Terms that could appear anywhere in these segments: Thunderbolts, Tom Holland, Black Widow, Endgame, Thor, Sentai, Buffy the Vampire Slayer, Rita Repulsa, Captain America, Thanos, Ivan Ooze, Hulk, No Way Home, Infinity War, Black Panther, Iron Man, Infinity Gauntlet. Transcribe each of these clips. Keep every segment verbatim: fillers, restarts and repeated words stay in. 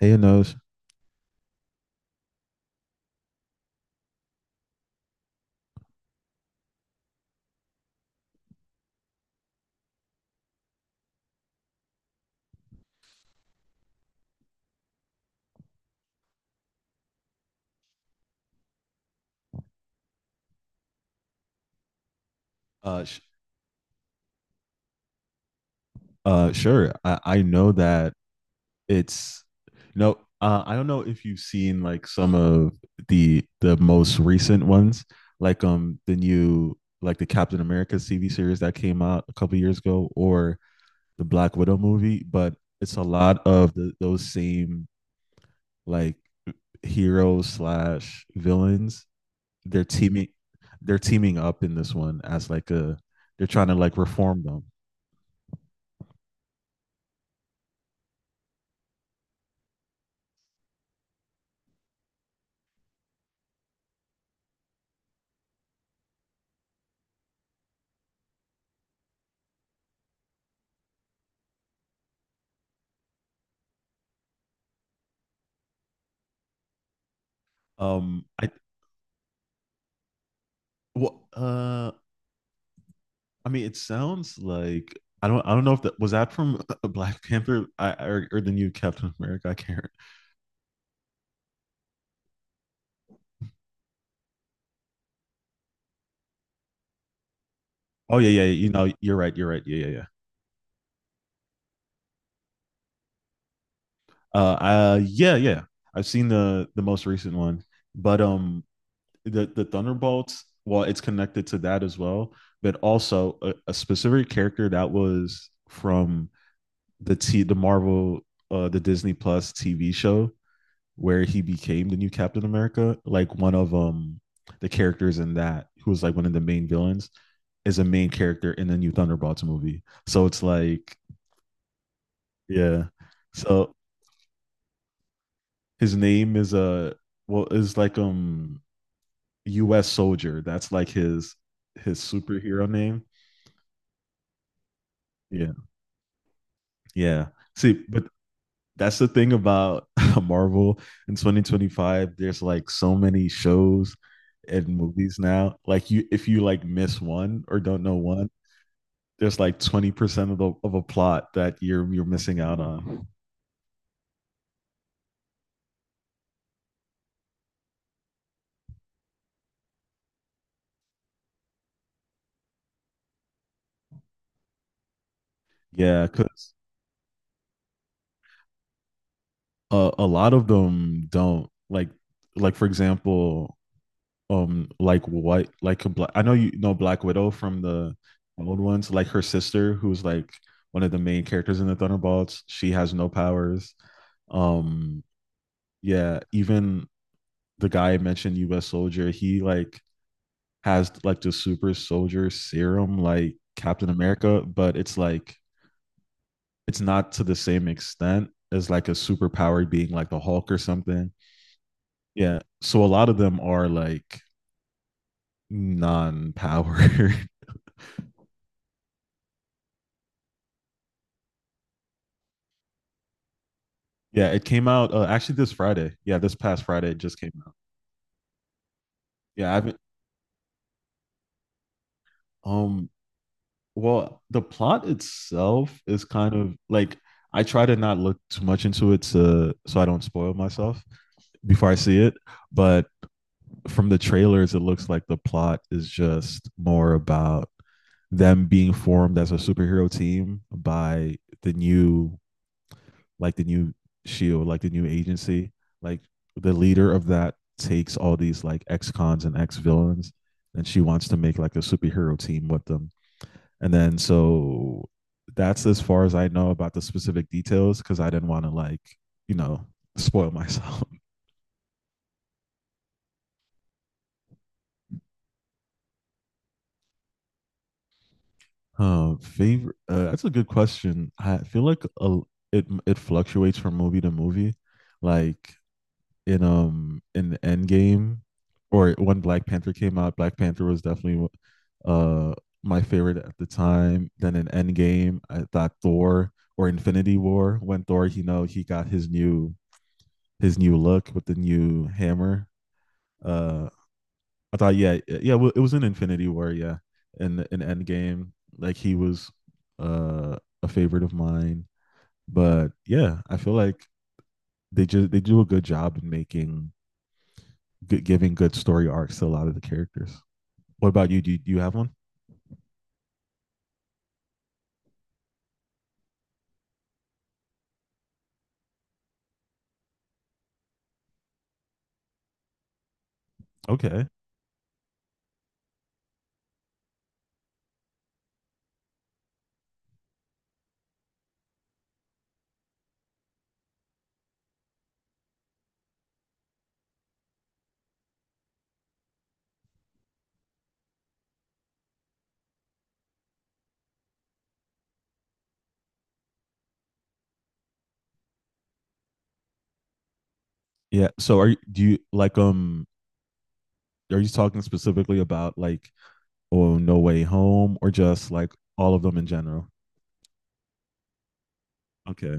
Hey, Anosh. Uh, sh- uh, sure. I, I know that it's no. Uh, I don't know if you've seen like some of the the most recent ones, like um the new, like the Captain America T V series that came out a couple years ago, or the Black Widow movie. But it's a lot of the, those same, like, heroes slash villains, they're teaming they're teaming up in this one as like a, they're trying to like reform them. Um, I well, uh, I mean, it sounds like I don't I don't know if that was that from Black Panther I, or or the new Captain America. I can't. Oh yeah, yeah, yeah. You know, you're right. You're right. Yeah, yeah, yeah. Uh, uh, yeah, yeah. I've seen the the most recent one, but um, the the Thunderbolts. Well, it's connected to that as well, but also a, a specific character that was from the T the Marvel, uh the Disney Plus T V show where he became the new Captain America. Like one of um the characters in that who was like one of the main villains is a main character in the new Thunderbolts movie. So it's like, yeah. So his name is a, uh, well, is like um U S soldier. That's like his his superhero name. Yeah, yeah. See, but that's the thing about Marvel in twenty twenty-five. There's like so many shows and movies now. Like, you, if you like miss one or don't know one, there's like twenty percent of the of a plot that you're you're missing out on. Yeah, because a, a lot of them don't, like like for example, um like white like a black I know, you know Black Widow from the old ones, like her sister who's like one of the main characters in the Thunderbolts. She has no powers. Um yeah, even the guy I mentioned, U S Soldier, he like has like the super soldier serum like Captain America, but it's like it's not to the same extent as like a superpowered being like the Hulk or something. Yeah. So a lot of them are like non-powered. Yeah, it came out, uh, actually this Friday. Yeah, this past Friday it just came out. Yeah, I haven't um well, the plot itself is kind of like, I try to not look too much into it to, so I don't spoil myself before I see it, but from the trailers it looks like the plot is just more about them being formed as a superhero team by the new like the new shield, like the new agency, like the leader of that takes all these like ex cons and ex villains, and she wants to make like a superhero team with them. And then so that's as far as I know about the specific details because I didn't want to like, you know, spoil myself. Uh, favorite? Uh, that's a good question. I feel like a, it it fluctuates from movie to movie. Like, in um in the end, or when Black Panther came out, Black Panther was definitely, uh my favorite at the time. Then in Endgame, I thought Thor, or Infinity War, when Thor, you know, he got his new, his new look with the new hammer. Uh, I thought, yeah, yeah, well, it was in Infinity War, yeah, in in Endgame, like he was, uh a favorite of mine. But yeah, I feel like they just they do a good job in making good, giving good story arcs to a lot of the characters. What about you? Do you, do you have one? Okay. Yeah. So are you, do you like, um are you talking specifically about like, oh, No Way Home, or just like all of them in general? Okay.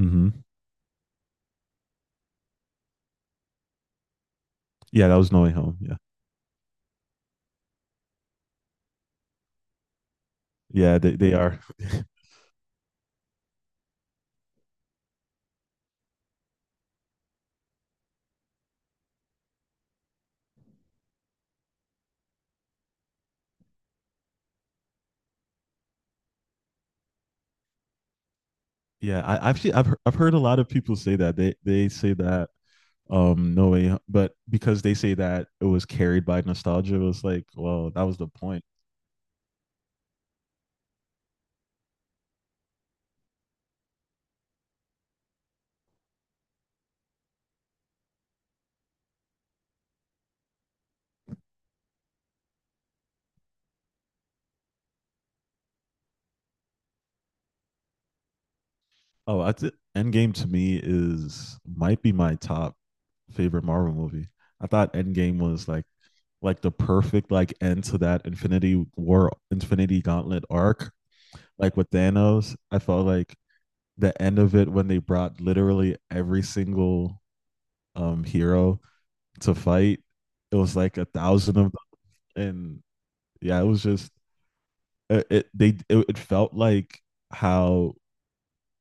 Mm-hmm. Yeah, that was No Way Home. Yeah. Yeah, they, they are. Yeah, I actually I've he- I've heard a lot of people say that. They they say that um No Way Ho- but because they say that it was carried by nostalgia, it was like, well, that was the point. Oh, that's it. Endgame to me is, might be my top favorite Marvel movie. I thought Endgame was like like the perfect like end to that Infinity War, Infinity Gauntlet arc. Like with Thanos, I felt like the end of it when they brought literally every single um hero to fight. It was like a thousand of them, and yeah, it was just, it, it they it, it felt like how,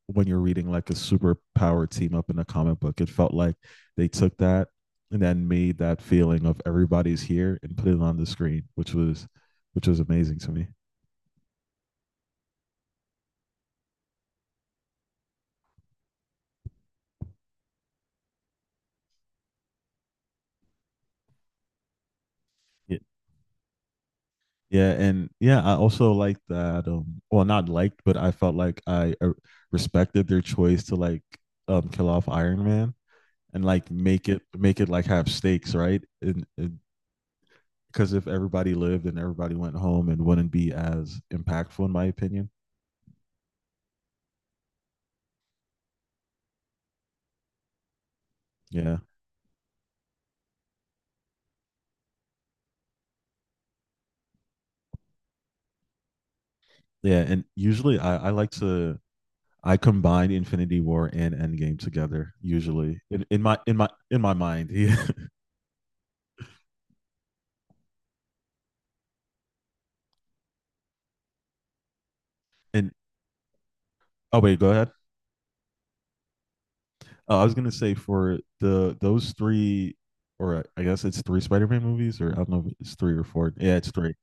when you're reading like a superpower team up in a comic book. It felt like they took that and then made that feeling of everybody's here and put it on the screen, which was, which was amazing to me. Yeah, yeah, and yeah, I also liked that. Um, well, not liked, but I felt like I, uh, respected their choice to like, um kill off Iron Man and like make it make it like have stakes, right? And because if everybody lived and everybody went home, it wouldn't be as impactful, in my opinion. Yeah. Yeah, and usually I, I like to, I combine Infinity War and Endgame together. Usually in, in my in my in my mind. Yeah. And, oh wait, go ahead. Uh, I was gonna say for the those three, or I guess it's three Spider-Man movies, or I don't know if it's three or four. Yeah, it's three.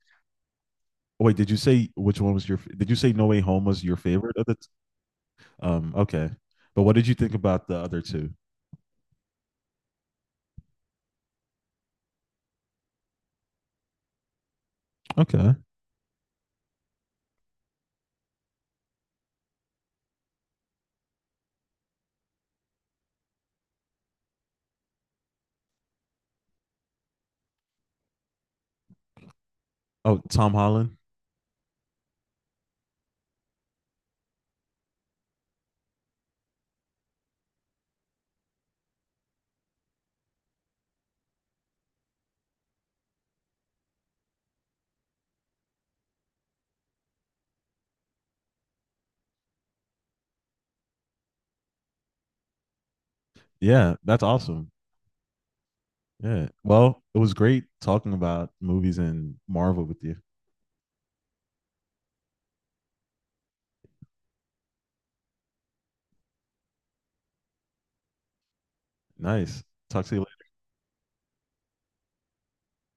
Oh, wait, did you say which one was your? f- Did you say No Way Home was your favorite? Of the t- um, okay, but what did you think about the other two? Okay. Oh, Tom Holland. Yeah, that's awesome. Yeah. Well, it was great talking about movies and Marvel with you. Nice. Talk to you later.